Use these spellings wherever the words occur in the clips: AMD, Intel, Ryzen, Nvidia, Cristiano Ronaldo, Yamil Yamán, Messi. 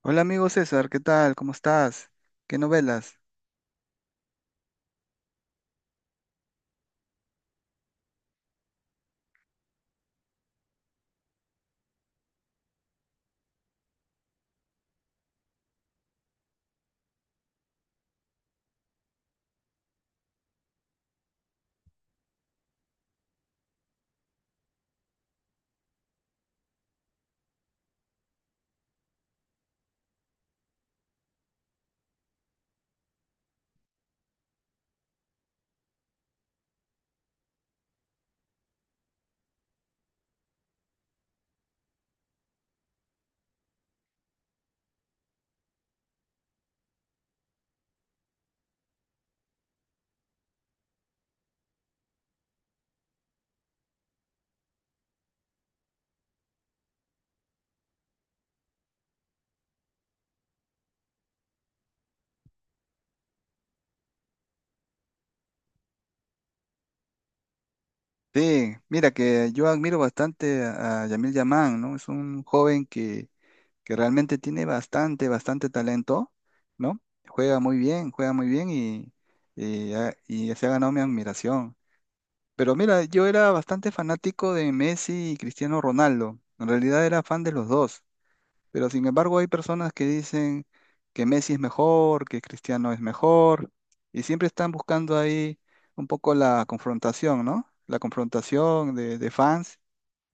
Hola amigo César, ¿qué tal? ¿Cómo estás? ¿Qué novelas? Sí, mira que yo admiro bastante a Yamil Yamán, ¿no? Es un joven que realmente tiene bastante, bastante talento, ¿no? Juega muy bien y y se ha ganado mi admiración. Pero mira, yo era bastante fanático de Messi y Cristiano Ronaldo. En realidad era fan de los dos. Pero sin embargo hay personas que dicen que Messi es mejor, que Cristiano es mejor, y siempre están buscando ahí un poco la confrontación, ¿no? La confrontación de fans.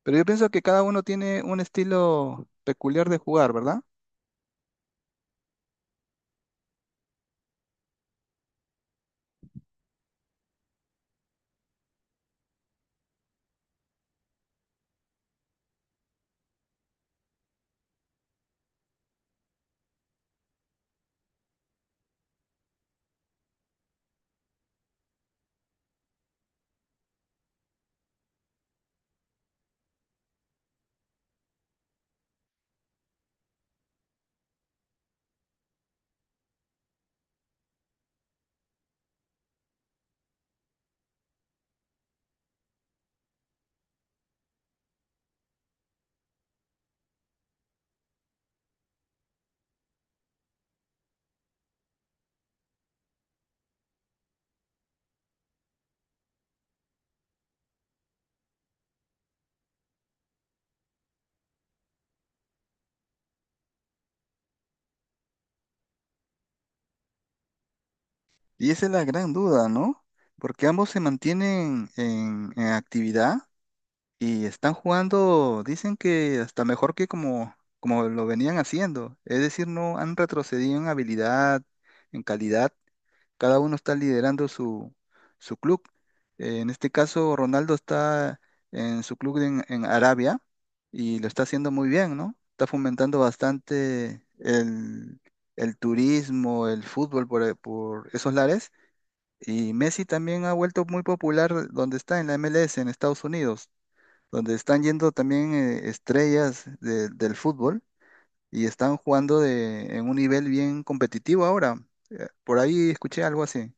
Pero yo pienso que cada uno tiene un estilo peculiar de jugar, ¿verdad? Y esa es la gran duda, ¿no? Porque ambos se mantienen en actividad y están jugando, dicen que hasta mejor que como, como lo venían haciendo. Es decir, no han retrocedido en habilidad, en calidad. Cada uno está liderando su, su club. En este caso, Ronaldo está en su club en Arabia y lo está haciendo muy bien, ¿no? Está fomentando bastante el turismo, el fútbol por esos lares. Y Messi también ha vuelto muy popular donde está, en la MLS, en Estados Unidos, donde están yendo también estrellas del fútbol y están jugando en un nivel bien competitivo ahora. Por ahí escuché algo así.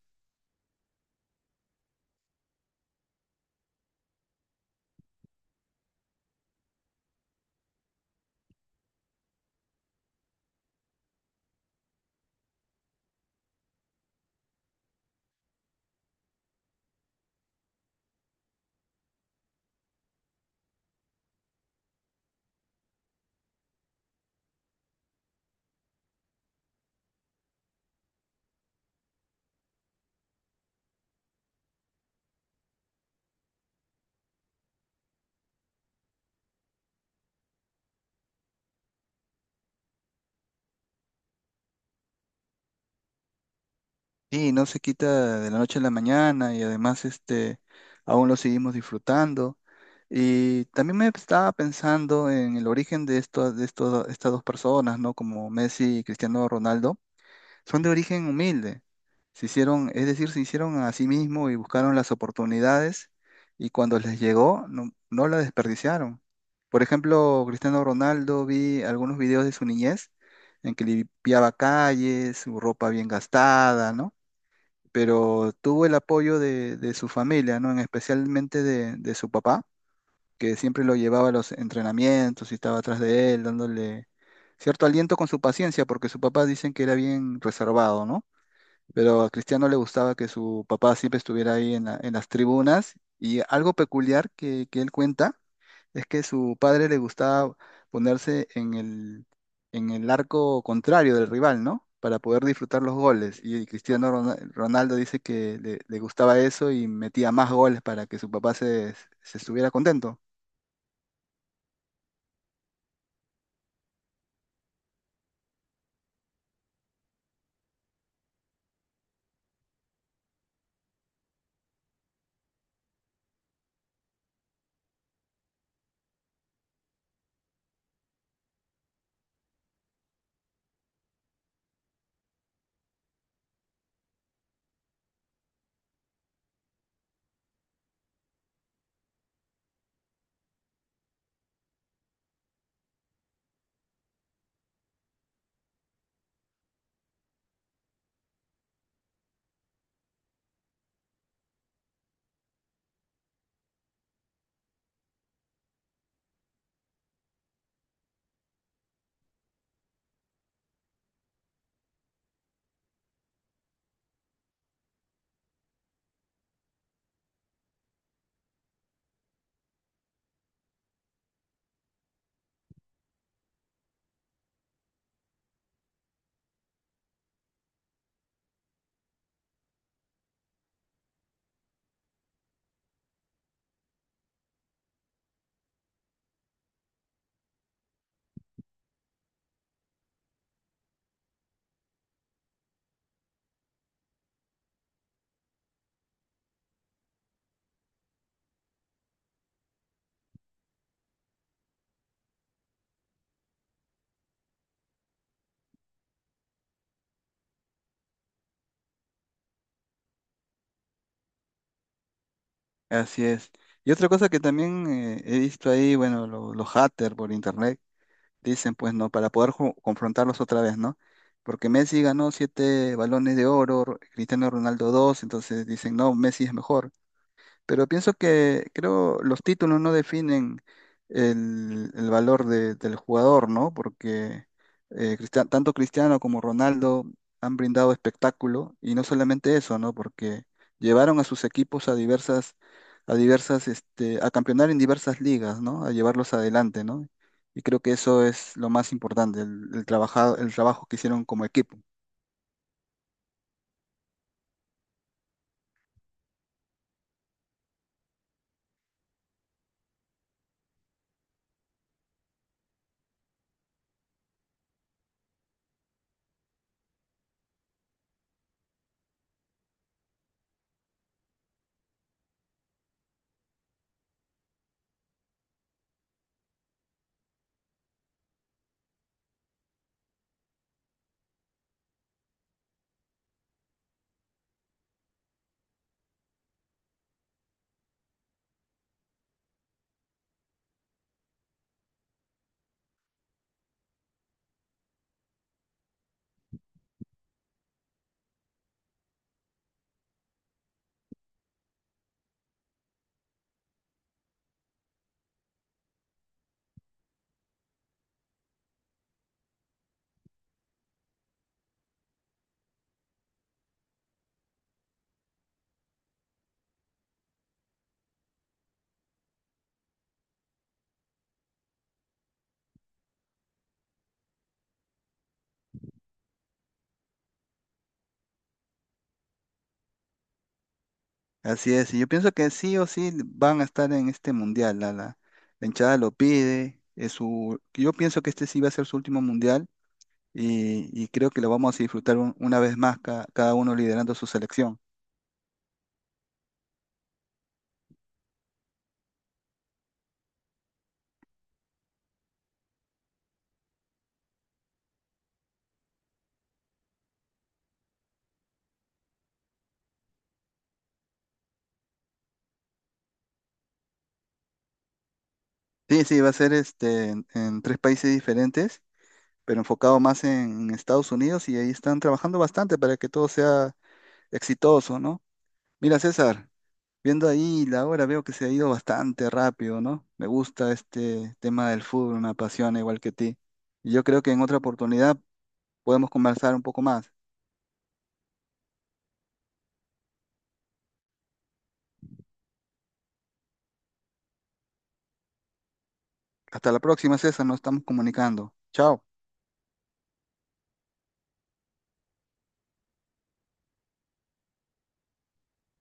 Sí, no se quita de la noche a la mañana y además este, aún lo seguimos disfrutando. Y también me estaba pensando en el origen de estas dos personas, ¿no? Como Messi y Cristiano Ronaldo. Son de origen humilde. Se hicieron, es decir, se hicieron a sí mismos y buscaron las oportunidades y cuando les llegó, no, no la desperdiciaron. Por ejemplo, Cristiano Ronaldo, vi algunos videos de su niñez en que limpiaba calles, su ropa bien gastada, ¿no? Pero tuvo el apoyo de su familia, ¿no? En especialmente de su papá, que siempre lo llevaba a los entrenamientos y estaba atrás de él, dándole cierto aliento con su paciencia, porque su papá dicen que era bien reservado, ¿no? Pero a Cristiano le gustaba que su papá siempre estuviera ahí en las tribunas. Y algo peculiar que él cuenta es que su padre le gustaba ponerse en el arco contrario del rival, ¿no? Para poder disfrutar los goles. Y Ronaldo dice que le gustaba eso y metía más goles para que su papá se estuviera contento. Así es. Y otra cosa que también he visto ahí, bueno, los haters por internet dicen, pues, ¿no? Para poder confrontarlos otra vez, ¿no? Porque Messi ganó 7 balones de oro, Cristiano Ronaldo dos, entonces dicen, no, Messi es mejor. Pero pienso que creo los títulos no definen el valor del jugador, ¿no? Porque tanto Cristiano como Ronaldo han brindado espectáculo y no solamente eso, ¿no? Porque llevaron a sus equipos a diversas, este, a campeonar en diversas ligas, ¿no? A llevarlos adelante, ¿no? Y creo que eso es lo más importante, el, el trabajo que hicieron como equipo. Así es, y yo pienso que sí o sí van a estar en este mundial. La hinchada lo pide. Es su, yo pienso que este sí va a ser su último mundial y creo que lo vamos a disfrutar una vez más, cada uno liderando su selección. Sí, sí, va a ser este, en 3 países diferentes, pero enfocado más en, Estados Unidos y ahí están trabajando bastante para que todo sea exitoso, ¿no? Mira, César, viendo ahí la hora, veo que se ha ido bastante rápido, ¿no? Me gusta este tema del fútbol, me apasiona igual que ti. Y yo creo que en otra oportunidad podemos conversar un poco más. Hasta la próxima, César, nos estamos comunicando. Chao.